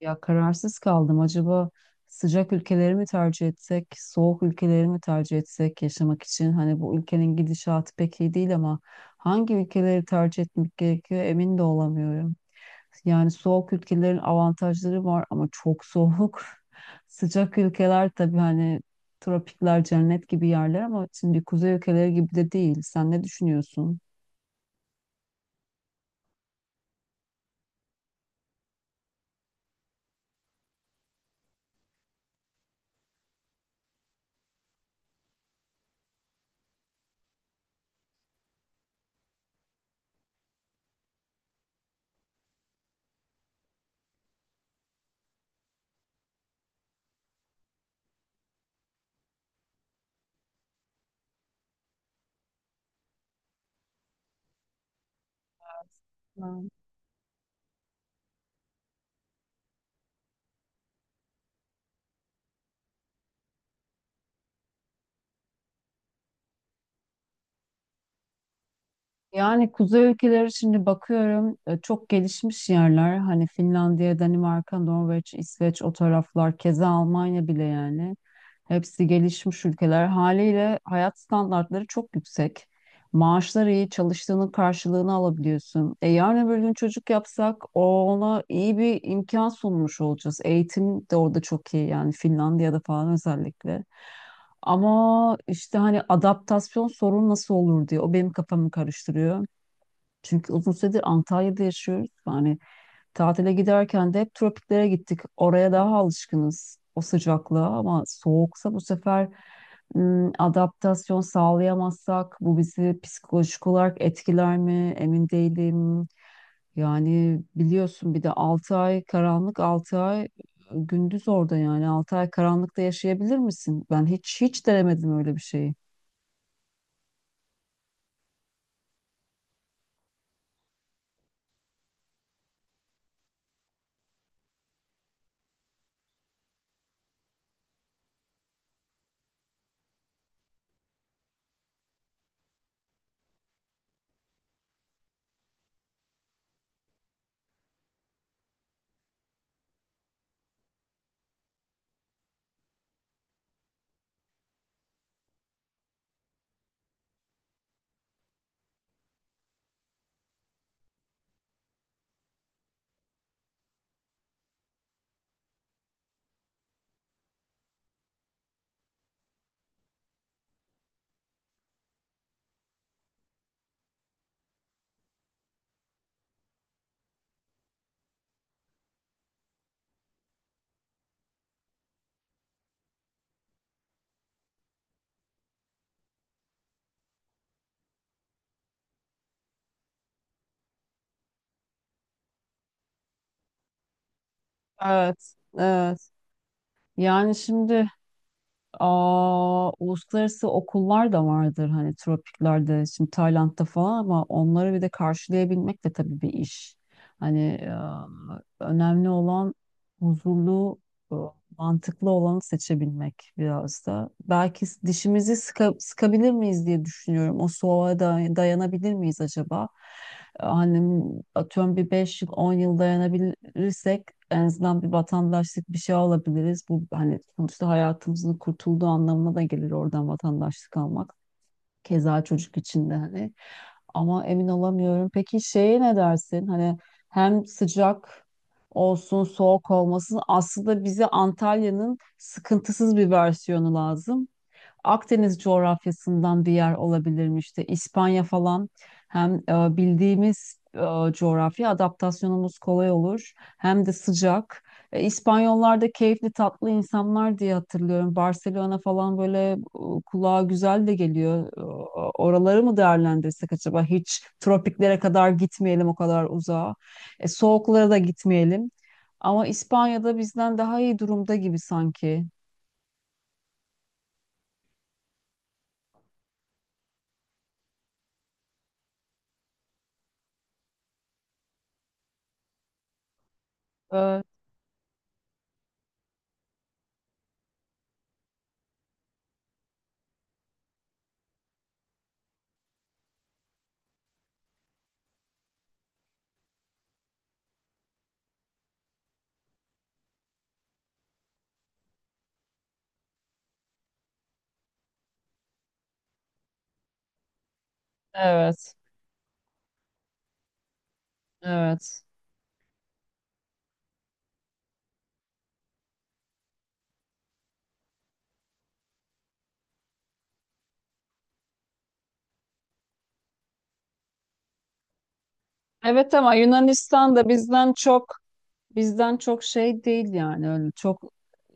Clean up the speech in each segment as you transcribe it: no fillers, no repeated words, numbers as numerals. Ya kararsız kaldım. Acaba sıcak ülkeleri mi tercih etsek, soğuk ülkeleri mi tercih etsek yaşamak için? Hani bu ülkenin gidişatı pek iyi değil ama hangi ülkeleri tercih etmek gerekiyor emin de olamıyorum. Yani soğuk ülkelerin avantajları var ama çok soğuk. Sıcak ülkeler tabii hani tropikler cennet gibi yerler ama şimdi kuzey ülkeleri gibi de değil. Sen ne düşünüyorsun? Yani kuzey ülkeleri şimdi bakıyorum çok gelişmiş yerler. Hani Finlandiya, Danimarka, Norveç, İsveç o taraflar keza Almanya bile yani. Hepsi gelişmiş ülkeler. Haliyle hayat standartları çok yüksek. Maaşlar iyi, çalıştığının karşılığını alabiliyorsun. E yarın öbür gün çocuk yapsak ona iyi bir imkan sunmuş olacağız. Eğitim de orada çok iyi yani Finlandiya'da falan özellikle. Ama işte hani adaptasyon sorun nasıl olur diye o benim kafamı karıştırıyor. Çünkü uzun süredir Antalya'da yaşıyoruz. Yani tatile giderken de hep tropiklere gittik. Oraya daha alışkınız o sıcaklığa ama soğuksa bu sefer adaptasyon sağlayamazsak bu bizi psikolojik olarak etkiler mi emin değilim. Yani biliyorsun bir de 6 ay karanlık 6 ay gündüz orada yani 6 ay karanlıkta yaşayabilir misin? Ben hiç denemedim öyle bir şeyi. Evet, evet. Yani şimdi uluslararası okullar da vardır hani tropiklerde, şimdi Tayland'da falan ama onları bir de karşılayabilmek de tabii bir iş. Hani önemli olan huzurlu, mantıklı olanı seçebilmek biraz da. Belki dişimizi sıkabilir miyiz diye düşünüyorum. O soğuğa dayanabilir miyiz acaba? Hani atıyorum bir 5 yıl 10 yıl dayanabilirsek en azından bir vatandaşlık bir şey alabiliriz. Bu hani sonuçta hayatımızın kurtulduğu anlamına da gelir oradan vatandaşlık almak. Keza çocuk için de hani. Ama emin olamıyorum. Peki şeye ne dersin? Hani hem sıcak olsun, soğuk olmasın. Aslında bize Antalya'nın sıkıntısız bir versiyonu lazım. Akdeniz coğrafyasından bir yer olabilirmiş işte İspanya falan, hem bildiğimiz coğrafya adaptasyonumuz kolay olur hem de sıcak. İspanyollar da keyifli tatlı insanlar diye hatırlıyorum. Barcelona falan böyle kulağa güzel de geliyor. Oraları mı değerlendirsek acaba? Hiç tropiklere kadar gitmeyelim o kadar uzağa. Soğuklara da gitmeyelim. Ama İspanya'da bizden daha iyi durumda gibi sanki. Evet, evet. Evet. Evet ama Yunanistan da bizden çok şey değil yani öyle çok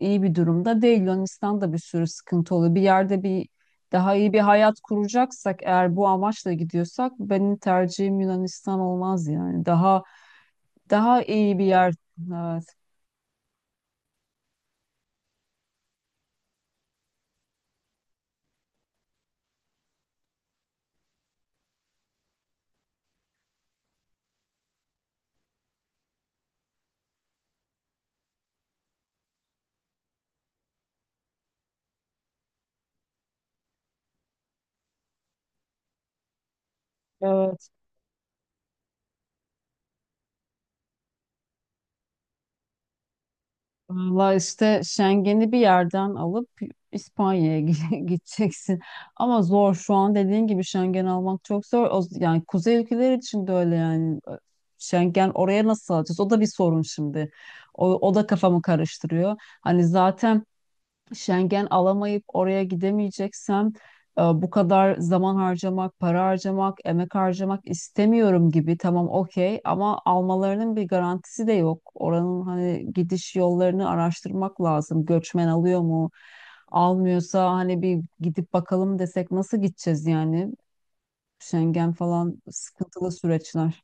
iyi bir durumda değil. Yunanistan'da bir sürü sıkıntı oluyor. Bir yerde bir daha iyi bir hayat kuracaksak eğer bu amaçla gidiyorsak benim tercihim Yunanistan olmaz yani. Daha iyi bir yer. Evet. Evet. Valla işte Schengen'i bir yerden alıp İspanya'ya gideceksin. Ama zor şu an dediğin gibi Schengen almak çok zor. Yani kuzey ülkeleri için de öyle yani. Schengen oraya nasıl alacağız? O da bir sorun şimdi. O da kafamı karıştırıyor. Hani zaten Schengen alamayıp oraya gidemeyeceksem bu kadar zaman harcamak, para harcamak, emek harcamak istemiyorum gibi. Tamam okey, ama almalarının bir garantisi de yok. Oranın hani gidiş yollarını araştırmak lazım. Göçmen alıyor mu? Almıyorsa hani bir gidip bakalım desek nasıl gideceğiz yani? Schengen falan sıkıntılı süreçler.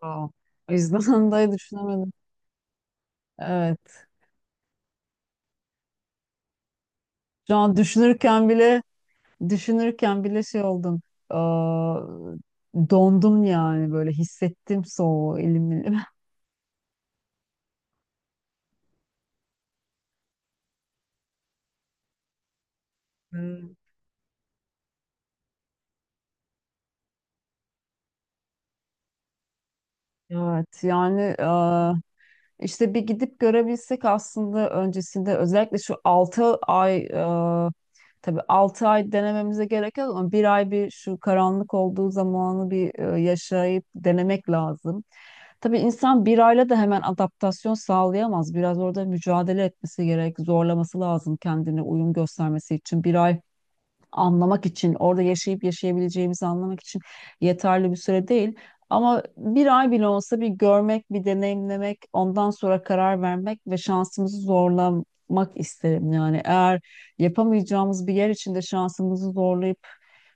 Aa, O yüzden de düşünemedim. Evet. Şu an düşünürken bile Düşünürken bile şey oldum. Aa, Dondum yani, böyle hissettim soğuğu, elim elim. Hmm. Evet yani işte bir gidip görebilsek aslında, öncesinde özellikle şu 6 ay tabii 6 ay denememize gerek yok ama bir ay, bir şu karanlık olduğu zamanı bir yaşayıp denemek lazım. Tabii insan bir ayla da hemen adaptasyon sağlayamaz. Biraz orada mücadele etmesi gerek, zorlaması lazım kendine uyum göstermesi için. Bir ay anlamak için, orada yaşayıp yaşayabileceğimizi anlamak için yeterli bir süre değil. Ama bir ay bile olsa bir görmek, bir deneyimlemek, ondan sonra karar vermek ve şansımızı zorlamak isterim. Yani eğer yapamayacağımız bir yer içinde şansımızı zorlayıp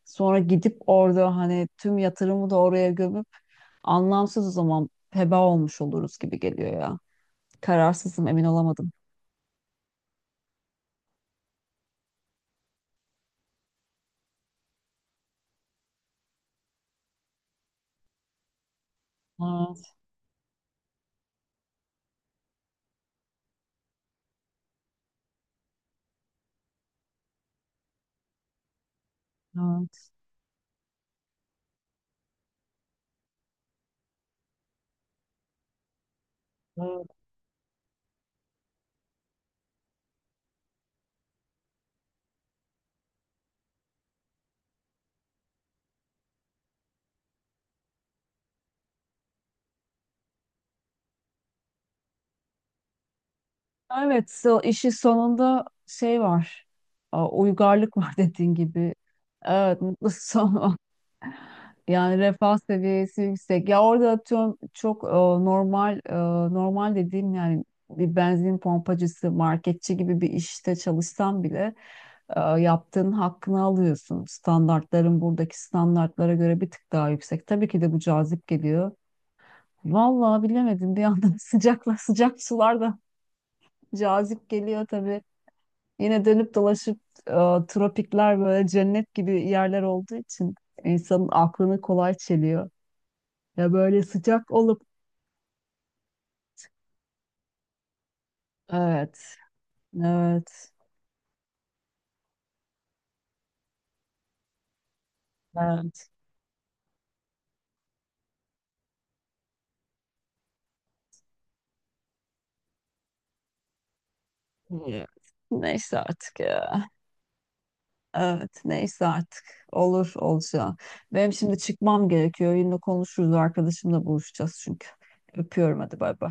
sonra gidip orada hani tüm yatırımı da oraya gömüp, anlamsız o zaman, heba olmuş oluruz gibi geliyor ya. Kararsızım, emin olamadım. Evet, evet, evet. Evet, işin sonunda şey var. Uygarlık var dediğin gibi. Evet, mutlu son var. Yani refah seviyesi yüksek. Ya orada atıyorum çok normal normal dediğim yani bir benzin pompacısı, marketçi gibi bir işte çalışsan bile yaptığın hakkını alıyorsun. Standartların buradaki standartlara göre bir tık daha yüksek. Tabii ki de bu cazip geliyor. Vallahi bilemedim, bir yandan sıcakla sıcak sular da cazip geliyor tabii. Yine dönüp dolaşıp e, tropikler böyle cennet gibi yerler olduğu için insanın aklını kolay çeliyor. Ya böyle sıcak olup, evet, evet, evet, evet. Neyse artık ya. Evet, neyse artık. Olur olacak. Benim şimdi çıkmam gerekiyor. Yine konuşuruz. Arkadaşımla buluşacağız çünkü. Öpüyorum, hadi bay bay.